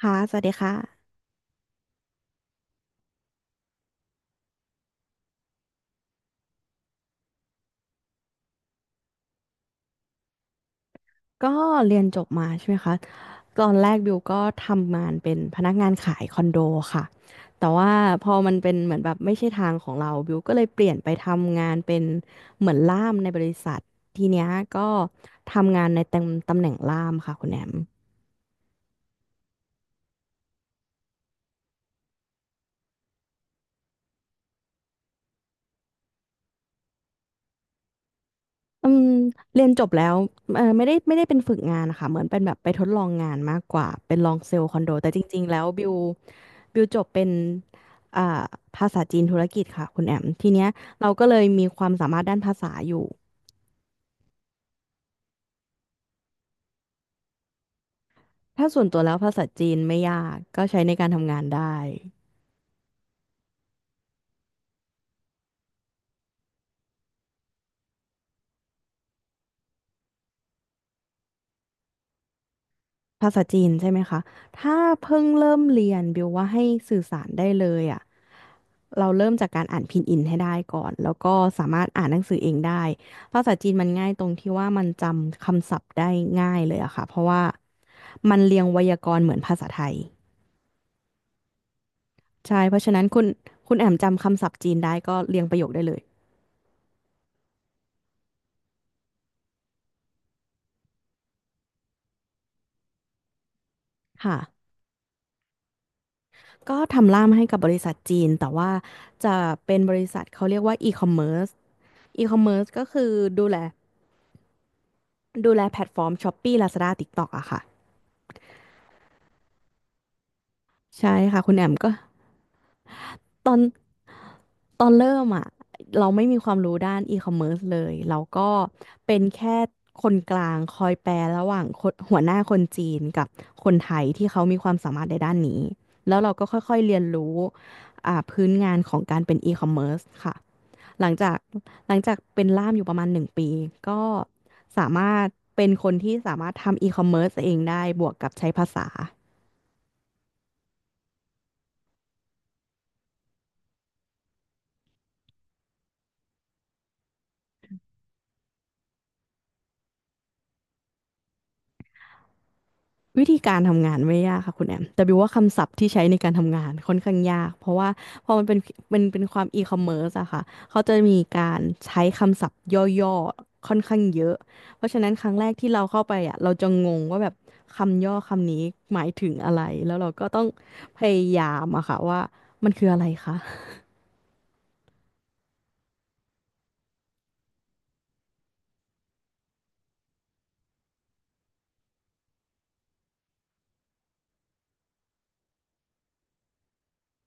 ค่ะสวัสดีค่ะก็เรียนจบมาใช่ไหมคะตอนแรกบิวก็ทำงานเป็นพนักงานขายคอนโดค่ะแต่ว่าพอมันเป็นเหมือนแบบไม่ใช่ทางของเราบิวก็เลยเปลี่ยนไปทำงานเป็นเหมือนล่ามในบริษัททีเนี้ยก็ทำงานในตำแหน่งล่ามค่ะคุณแอมอืมเรียนจบแล้วเออไม่ได้เป็นฝึกงานนะคะเหมือนเป็นแบบไปทดลองงานมากกว่าเป็นลองเซลล์คอนโดแต่จริงๆแล้วบิว จบเป็นอ่าภาษาจีนธุรกิจค่ะคุณแอมทีเนี้ยเราก็เลยมีความสามารถด้านภาษาอยู่ถ้าส่วนตัวแล้วภาษาจีนไม่ยากก็ใช้ในการทำงานได้ภาษาจีนใช่ไหมคะถ้าเพิ่งเริ่มเรียนบิวว่าให้สื่อสารได้เลยอ่ะเราเริ่มจากการอ่านพินอินให้ได้ก่อนแล้วก็สามารถอ่านหนังสือเองได้ภาษาจีนมันง่ายตรงที่ว่ามันจำคำศัพท์ได้ง่ายเลยอะค่ะเพราะว่ามันเรียงไวยากรณ์เหมือนภาษาไทย ใช่เพราะฉะนั้นคุณแอมจำคำศัพท์จีนได้ก็เรียงประโยคได้เลยค่ะก็ทำล่ามให้กับบริษัทจีนแต่ว่าจะเป็นบริษัทเขาเรียกว่าอีคอมเมิร์ก็คือดูแลดูแลแพลตฟอร์ม Shopee Lazada TikTok อะค่ะใช่ค่ะคุณแอมก็ ตอนตอนเริ่มอ่ะเราไม่มีความรู้ด้านอีคอมเมิร์ซเลยเราก็เป็นแค่คนกลางคอยแปลระหว่างคนหัวหน้าคนจีนกับคนไทยที่เขามีความสามารถในด้านนี้แล้วเราก็ค่อยๆเรียนรู้พื้นงานของการเป็นอีคอมเมิร์ซค่ะหลังจากหลังจากเป็นล่ามอยู่ประมาณหนึ่งปีก็สามารถเป็นคนที่สามารถทำอีคอมเมิร์ซเองได้บวกกับใช้ภาษา วิธีการทำงานไม่ยากค่ะคุณแอมแต่บิวว่าคำศัพท์ที่ใช้ในการทำงานค่อนข้างยากเพราะว่าพอมันเป็นความอีคอมเมิร์ซอะค่ะเขาจะมีการใช้คำศัพท์ย่อๆค่อนข้างเยอะเพราะฉะนั้นครั้งแรกที่เราเข้าไปอะเราจะงงว่าแบบคำย่อคำนี้หมายถึงอะไรแล้วเราก็ต้องพยายามอะค่ะว่ามันคืออะไรคะ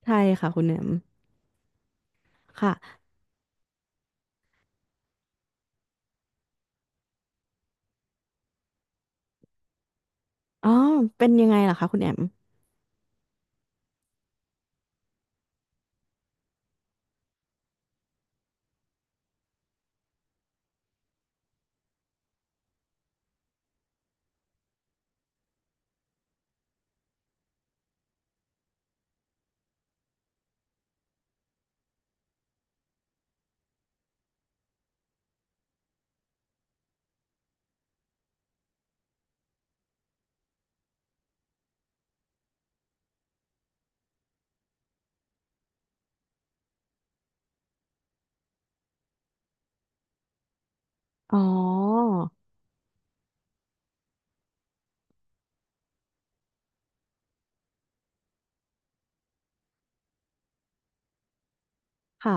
ใช่ค่ะคุณแอมค่ะอ๋อเป็นยังไงล่ะคะคุณแอมอ๋อค่ะ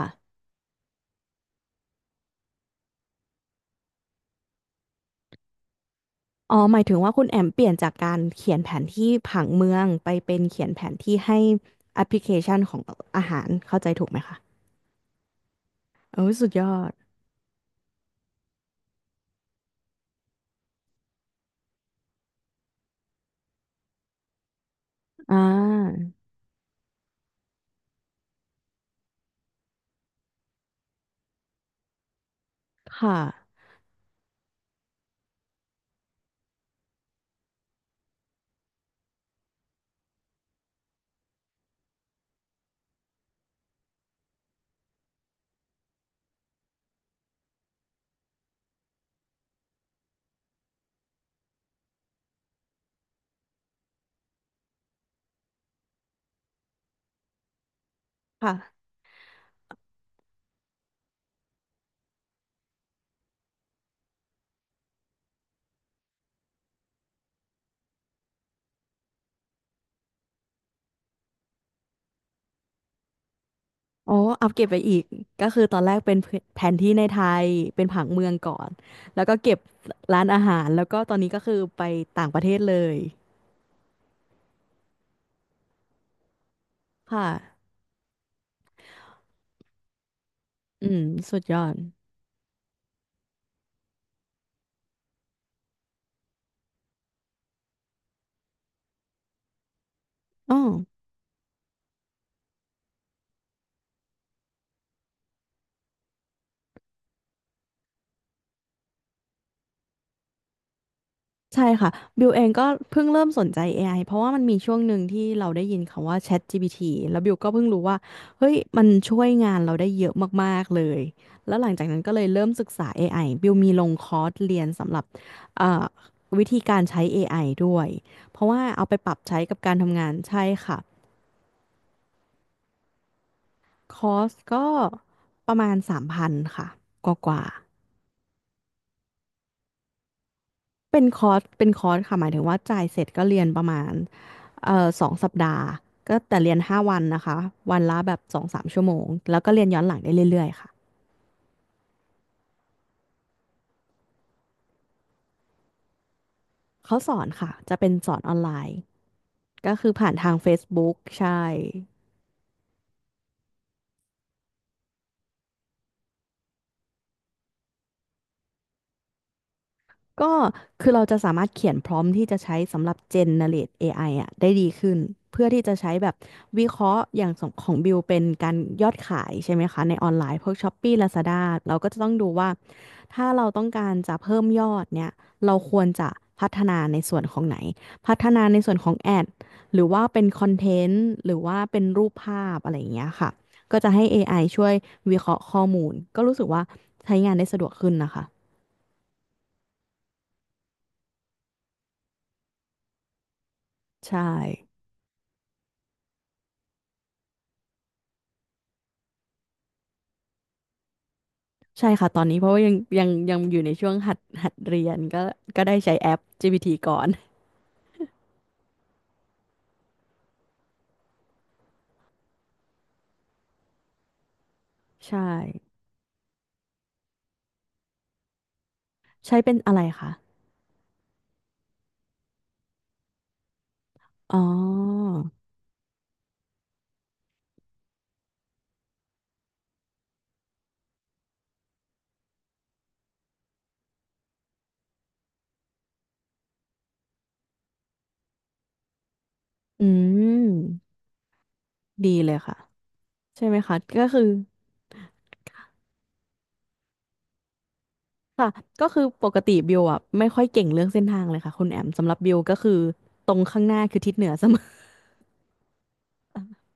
อ๋อหมายถึงว่าคุณแอมเปลี่ยนจากการเขียนแผนที่ผังเมืองไปเป็นเขียนแผนที่ให้แอปพลิเคชันของอาหารเข้าใจถูกไหมคะโอ้ยสุดยอดอ่าค่ะค่ะโอ้อัปเก็บไปอีกก็คือตอนแรกเป็นแผนที่ในไทยเป็นผังเมืองก่อนแล้วก็เก็บร้านอาหารแล้วก็ตอนนี้ก็คือไปต่างประเทศเลยค่ะอืมสุดยอดอ๋อ ใช่ค่ะบิวเองก็เพิ่งเริ่มสนใจ AI เพราะว่ามันมีช่วงหนึ่งที่เราได้ยินคำว่า ChatGPT แล้วบิวก็เพิ่งรู้ว่าเฮ้ยมันช่วยงานเราได้เยอะมากๆเลยแล้วหลังจากนั้นก็เลยเริ่มศึกษา AI บิวมีลงคอร์สเรียนสำหรับเอ่อวิธีการใช้ AI ด้วยเพราะว่าเอาไปปรับใช้กับการทำงานใช่ค่ะคอร์สก็ประมาณ3,000ค่ะกว่าๆ เป็นคอร์สค่ะหมายถึงว่าจ่ายเสร็จก็เรียนประมาณสองสัปดาห์ก็แต่เรียนห้าวันนะคะวันละแบบสองสามชั่วโมงแล้วก็เรียนย้อนหลังได้เรื่อยๆค่ะเขาสอนค่ะจะเป็นสอนออนไลน์ก็คือผ่านทาง Facebook ใช่ ก็คือเราจะสามารถเขียนพร้อมที่จะใช้สำหรับ generate AI อไออ่ะได้ดีขึ้นเพื่อที่จะใช้แบบวิเคราะห์อย่างของบิวเป็นการยอดขายใช่ไหมคะในออนไลน์พวก Shopee Lazada เราก็จะต้องดูว่าถ้าเราต้องการจะเพิ่มยอดเนี่ยเราควรจะพัฒนาในส่วนของไหนพัฒนาในส่วนของแอดหรือว่าเป็นคอนเทนต์หรือว่าเป็นรูปภาพอะไรอย่างเงี้ยค่ะก็จะให้เอไอช่วยวิเคราะห์ข้อมูลก็รู้สึกว่าใช้งานได้สะดวกขึ้นนะคะใช่ ใช่ค่ะตอนนี้เพราะว่ายังอยู่ในช่วงหัดเรียนก็ได้ใช้แอป GPT ก่อนใช่ใช้เป็นอะไรคะอ๋ออืมดีเลยค่ะใช่ไหมคะก็คือค่ะก็คือปกติบิวอ่ะไม่ค่อยเก่งเรื่องเส้นทางเลยค่ะคุณแอมสำหรับบิวก็คือตรงข้างหน้าคือทิศเหนือเสมอ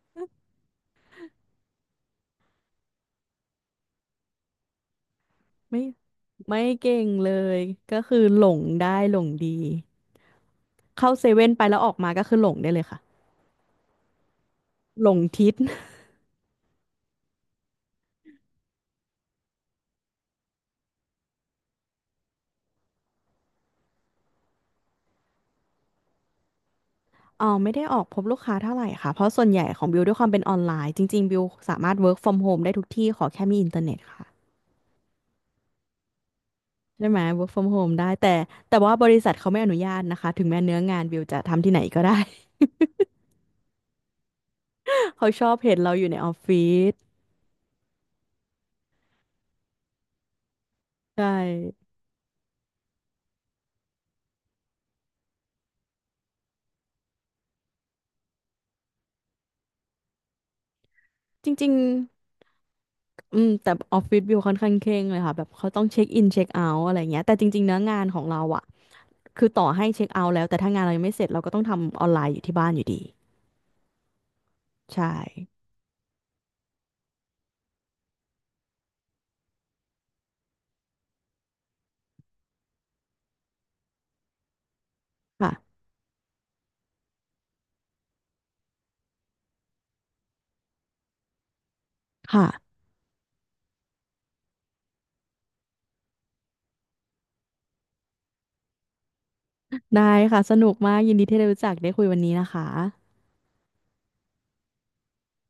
ไม่ไม่เก่งเลยก็คือหลงได้หลงดีเข้าเซเว่นไปแล้วออกมาก็คือหลงได้เลยค่ะหลงทิศ อ๋อไม่ได้ออกพบลูกค้าเท่าไหร่ค่ะเพราะส่วนใหญ่ของบิวด้วยความเป็นออนไลน์จริงๆบิวสามารถ work from home ได้ทุกที่ขอแค่มีอินเทอร์เน็ตค่ะใช่ไหม work from home ได้แต่ว่าบริษัทเขาไม่อนุญาตนะคะถึงแม้เนื้องานบิวจะทำที่ไหนก็ได้ เขาชอบเห็นเราอยู่ในออฟฟิศใช่จริงๆแต่ออฟฟิศบิวค่อนข้างเคร่งเลยค่ะแบบเขาต้องเช็คอินเช็คเอาท์อะไรเงี้ยแต่จริงๆเนื้องานของเราอะคือต่อให้เช็คเอาท์แล้วแต่ถ้างานเรายังไม่เสร็จเราก็ต้องทำออนไลน์อยู่ที่บ้านอยู่ดีใช่ค่ะค่ะ ได้ค่ะสนุกมากยินดีที่ได้รู้จักได้คุยวันนี้นะคะ